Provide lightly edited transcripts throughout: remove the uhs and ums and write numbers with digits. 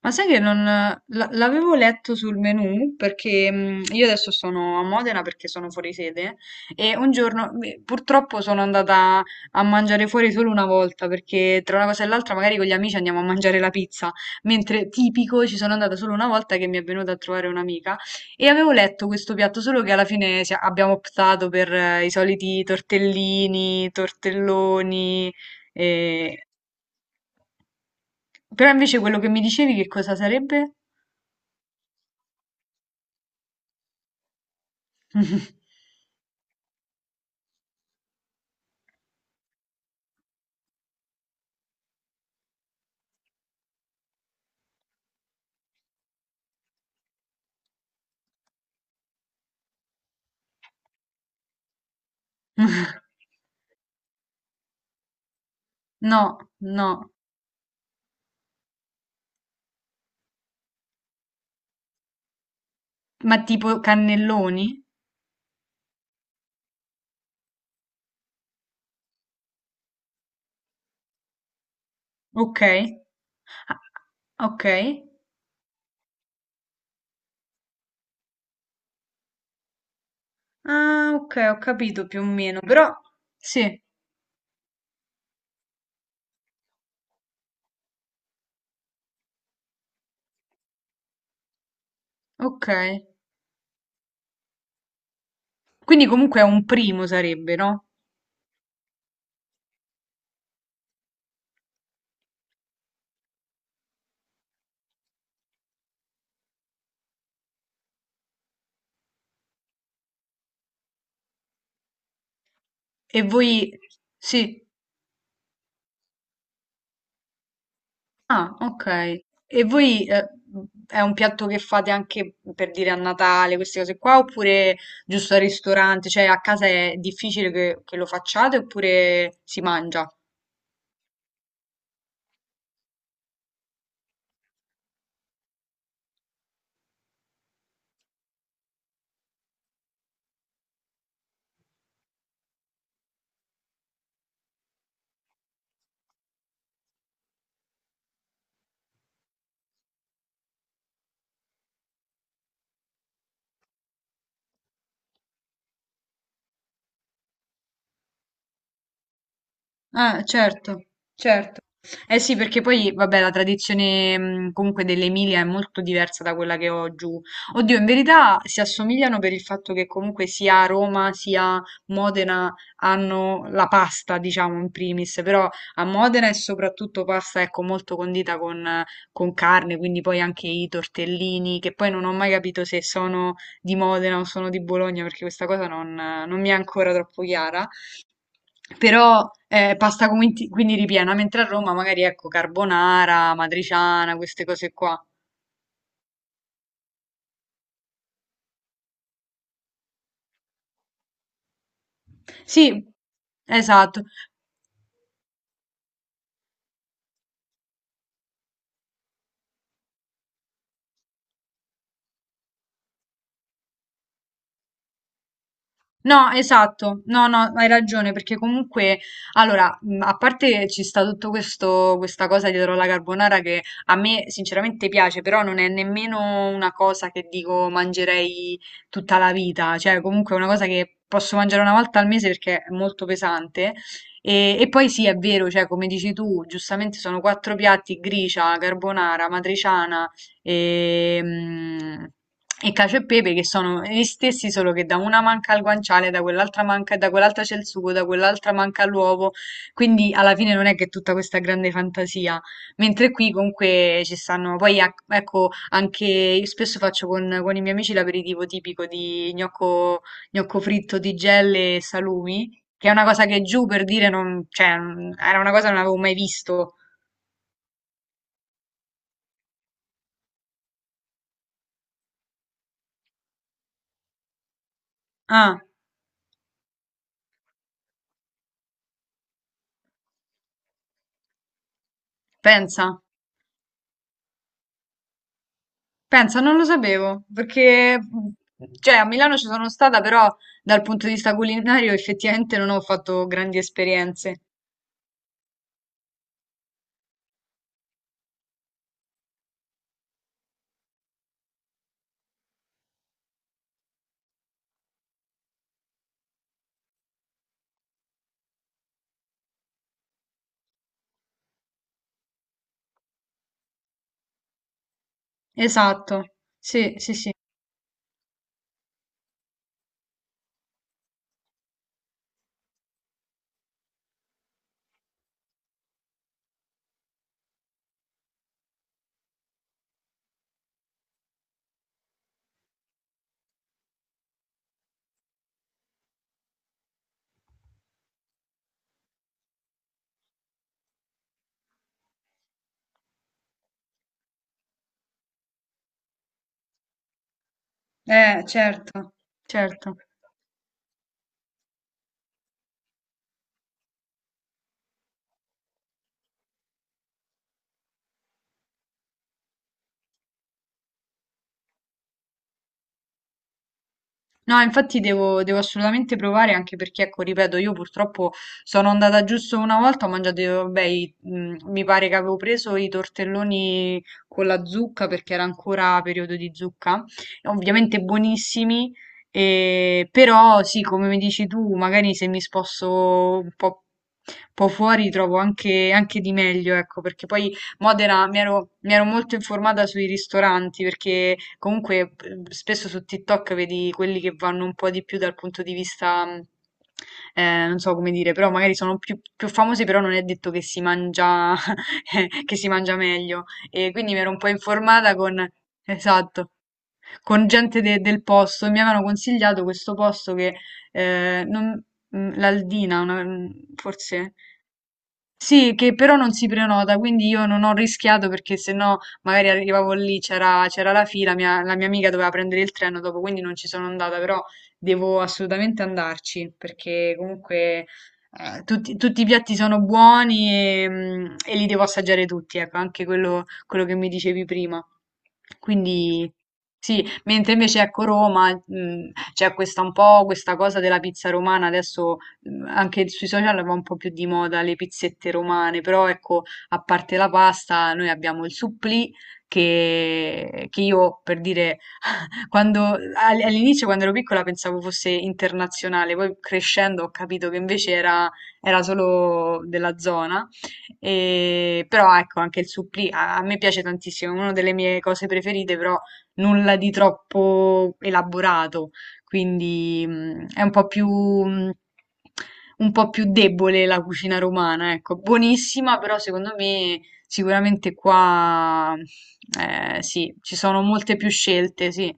Ma sai che non la- l'avevo letto sul menù perché io adesso sono a Modena perché sono fuori sede e un giorno beh, purtroppo sono andata a mangiare fuori solo una volta perché tra una cosa e l'altra magari con gli amici andiamo a mangiare la pizza, mentre tipico ci sono andata solo una volta che mi è venuta a trovare un'amica e avevo letto questo piatto solo che alla fine abbiamo optato per i soliti tortellini, tortelloni, eh, però invece quello che mi dicevi che cosa sarebbe? No, no. Ma tipo cannelloni? Okay. Ah, okay. Ah, okay, ho capito più o meno, però sì, okay. Quindi comunque è un primo sarebbe, no? E voi sì. Ah, okay. E voi è un piatto che fate anche per dire a Natale, queste cose qua, oppure giusto al ristorante? Cioè a casa è difficile che lo facciate oppure si mangia? Ah, certo, certo. Eh sì, perché poi, vabbè, la tradizione comunque dell'Emilia è molto diversa da quella che ho giù. Oddio, in verità si assomigliano per il fatto che comunque sia Roma sia Modena hanno la pasta, diciamo, in primis, però a Modena è soprattutto pasta, ecco, molto condita con carne, quindi poi anche i tortellini, che poi non ho mai capito se sono di Modena o sono di Bologna, perché questa cosa non mi è ancora troppo chiara. Però pasta quindi ripiena, mentre a Roma magari ecco carbonara, matriciana, queste cose qua. Sì, esatto. No, esatto, no, no, hai ragione, perché comunque, allora, a parte ci sta tutto questo, questa cosa dietro la carbonara che a me sinceramente piace, però non è nemmeno una cosa che dico mangerei tutta la vita, cioè comunque è una cosa che posso mangiare una volta al mese perché è molto pesante. E poi sì, è vero, cioè come dici tu, giustamente sono quattro piatti, gricia, carbonara, matriciana, e, e cacio e pepe che sono gli stessi, solo che da una manca al guanciale, da quell'altra manca, da quell'altra c'è il sugo, da quell'altra manca l'uovo, quindi alla fine non è che è tutta questa grande fantasia, mentre qui comunque ci stanno, poi ecco, anche io spesso faccio con i miei amici l'aperitivo tipico di gnocco, gnocco fritto di gelle e salumi, che è una cosa che giù per dire non, cioè, era una cosa che non avevo mai visto. Ah, pensa. Pensa, non lo sapevo, perché cioè, a Milano ci sono stata, però dal punto di vista culinario effettivamente non ho fatto grandi esperienze. Esatto, sì, sì, sì. Certo, certo. No, infatti devo, devo assolutamente provare anche perché, ecco, ripeto, io purtroppo sono andata giusto una volta, ho mangiato, vabbè, mi pare che avevo preso i tortelloni con la zucca perché era ancora periodo di zucca, ovviamente buonissimi, però sì, come mi dici tu, magari se mi sposto un po' fuori trovo anche, anche di meglio, ecco, perché poi Modena mi ero molto informata sui ristoranti perché comunque spesso su TikTok vedi quelli che vanno un po' di più dal punto di vista, non so come dire, però magari sono più, più famosi, però non è detto che si mangia, che si mangia meglio. E quindi mi ero un po' informata con, esatto, con gente del posto e mi avevano consigliato questo posto che eh, non- l'Aldina, forse sì, che però non si prenota, quindi io non ho rischiato perché sennò magari arrivavo lì, c'era la fila, la mia amica doveva prendere il treno dopo, quindi non ci sono andata, però devo assolutamente andarci perché comunque tutti, tutti i piatti sono buoni e, e li devo assaggiare tutti, ecco, anche quello che mi dicevi prima. Quindi sì, mentre invece ecco Roma, c'è questa un po' questa cosa della pizza romana, adesso anche sui social va un po' più di moda le pizzette romane, però ecco, a parte la pasta, noi abbiamo il supplì che io per dire quando, all'inizio, quando ero piccola, pensavo fosse internazionale, poi crescendo ho capito che invece era, era solo della zona. E, però ecco, anche il supplì a, a me piace tantissimo, è una delle mie cose preferite, però nulla di troppo elaborato, quindi è un po' più... un po' più debole la cucina romana, ecco, buonissima, però secondo me sicuramente qua sì, ci sono molte più scelte, sì.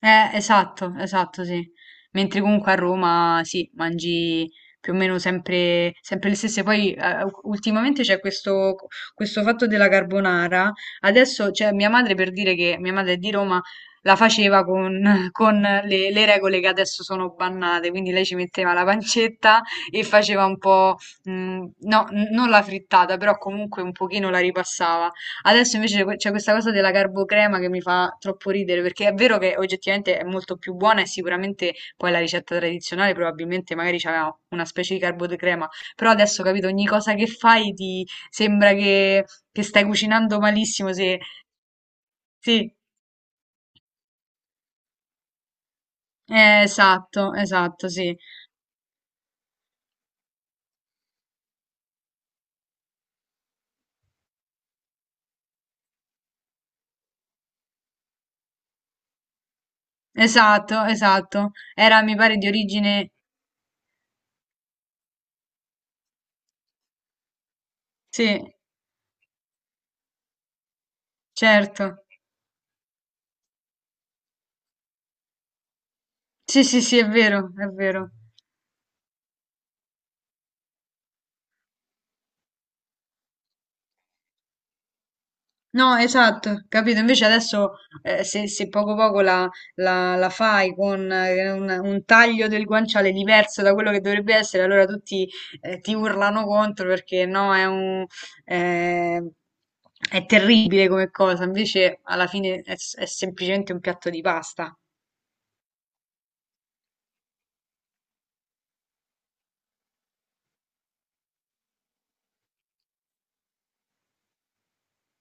Esatto, esatto, sì. Mentre comunque a Roma, sì, mangi più o meno sempre, sempre le stesse. Poi ultimamente c'è questo, questo fatto della carbonara. Adesso, cioè, mia madre per dire che mia madre è di Roma, la faceva con, con le regole che adesso sono bannate. Quindi lei ci metteva la pancetta e faceva un po', mh, no, non la frittata, però comunque un pochino la ripassava. Adesso invece c'è questa cosa della carbocrema che mi fa troppo ridere, perché è vero che oggettivamente è molto più buona e sicuramente poi la ricetta tradizionale probabilmente magari c'aveva una specie di carbocrema, però adesso capito, ogni cosa che fai ti sembra che stai cucinando malissimo, se... Sì, esatto, esatto, sì, esatto, esatto. Era, mi pare, di origine... Sì, certo. Sì, sì, sì, è vero, è vero. No, esatto, capito. Invece adesso se, se poco poco la, la fai con un taglio del guanciale diverso da quello che dovrebbe essere, allora tutti ti urlano contro perché no, è un, eh, è terribile come cosa. Invece alla fine è, è semplicemente un piatto di pasta.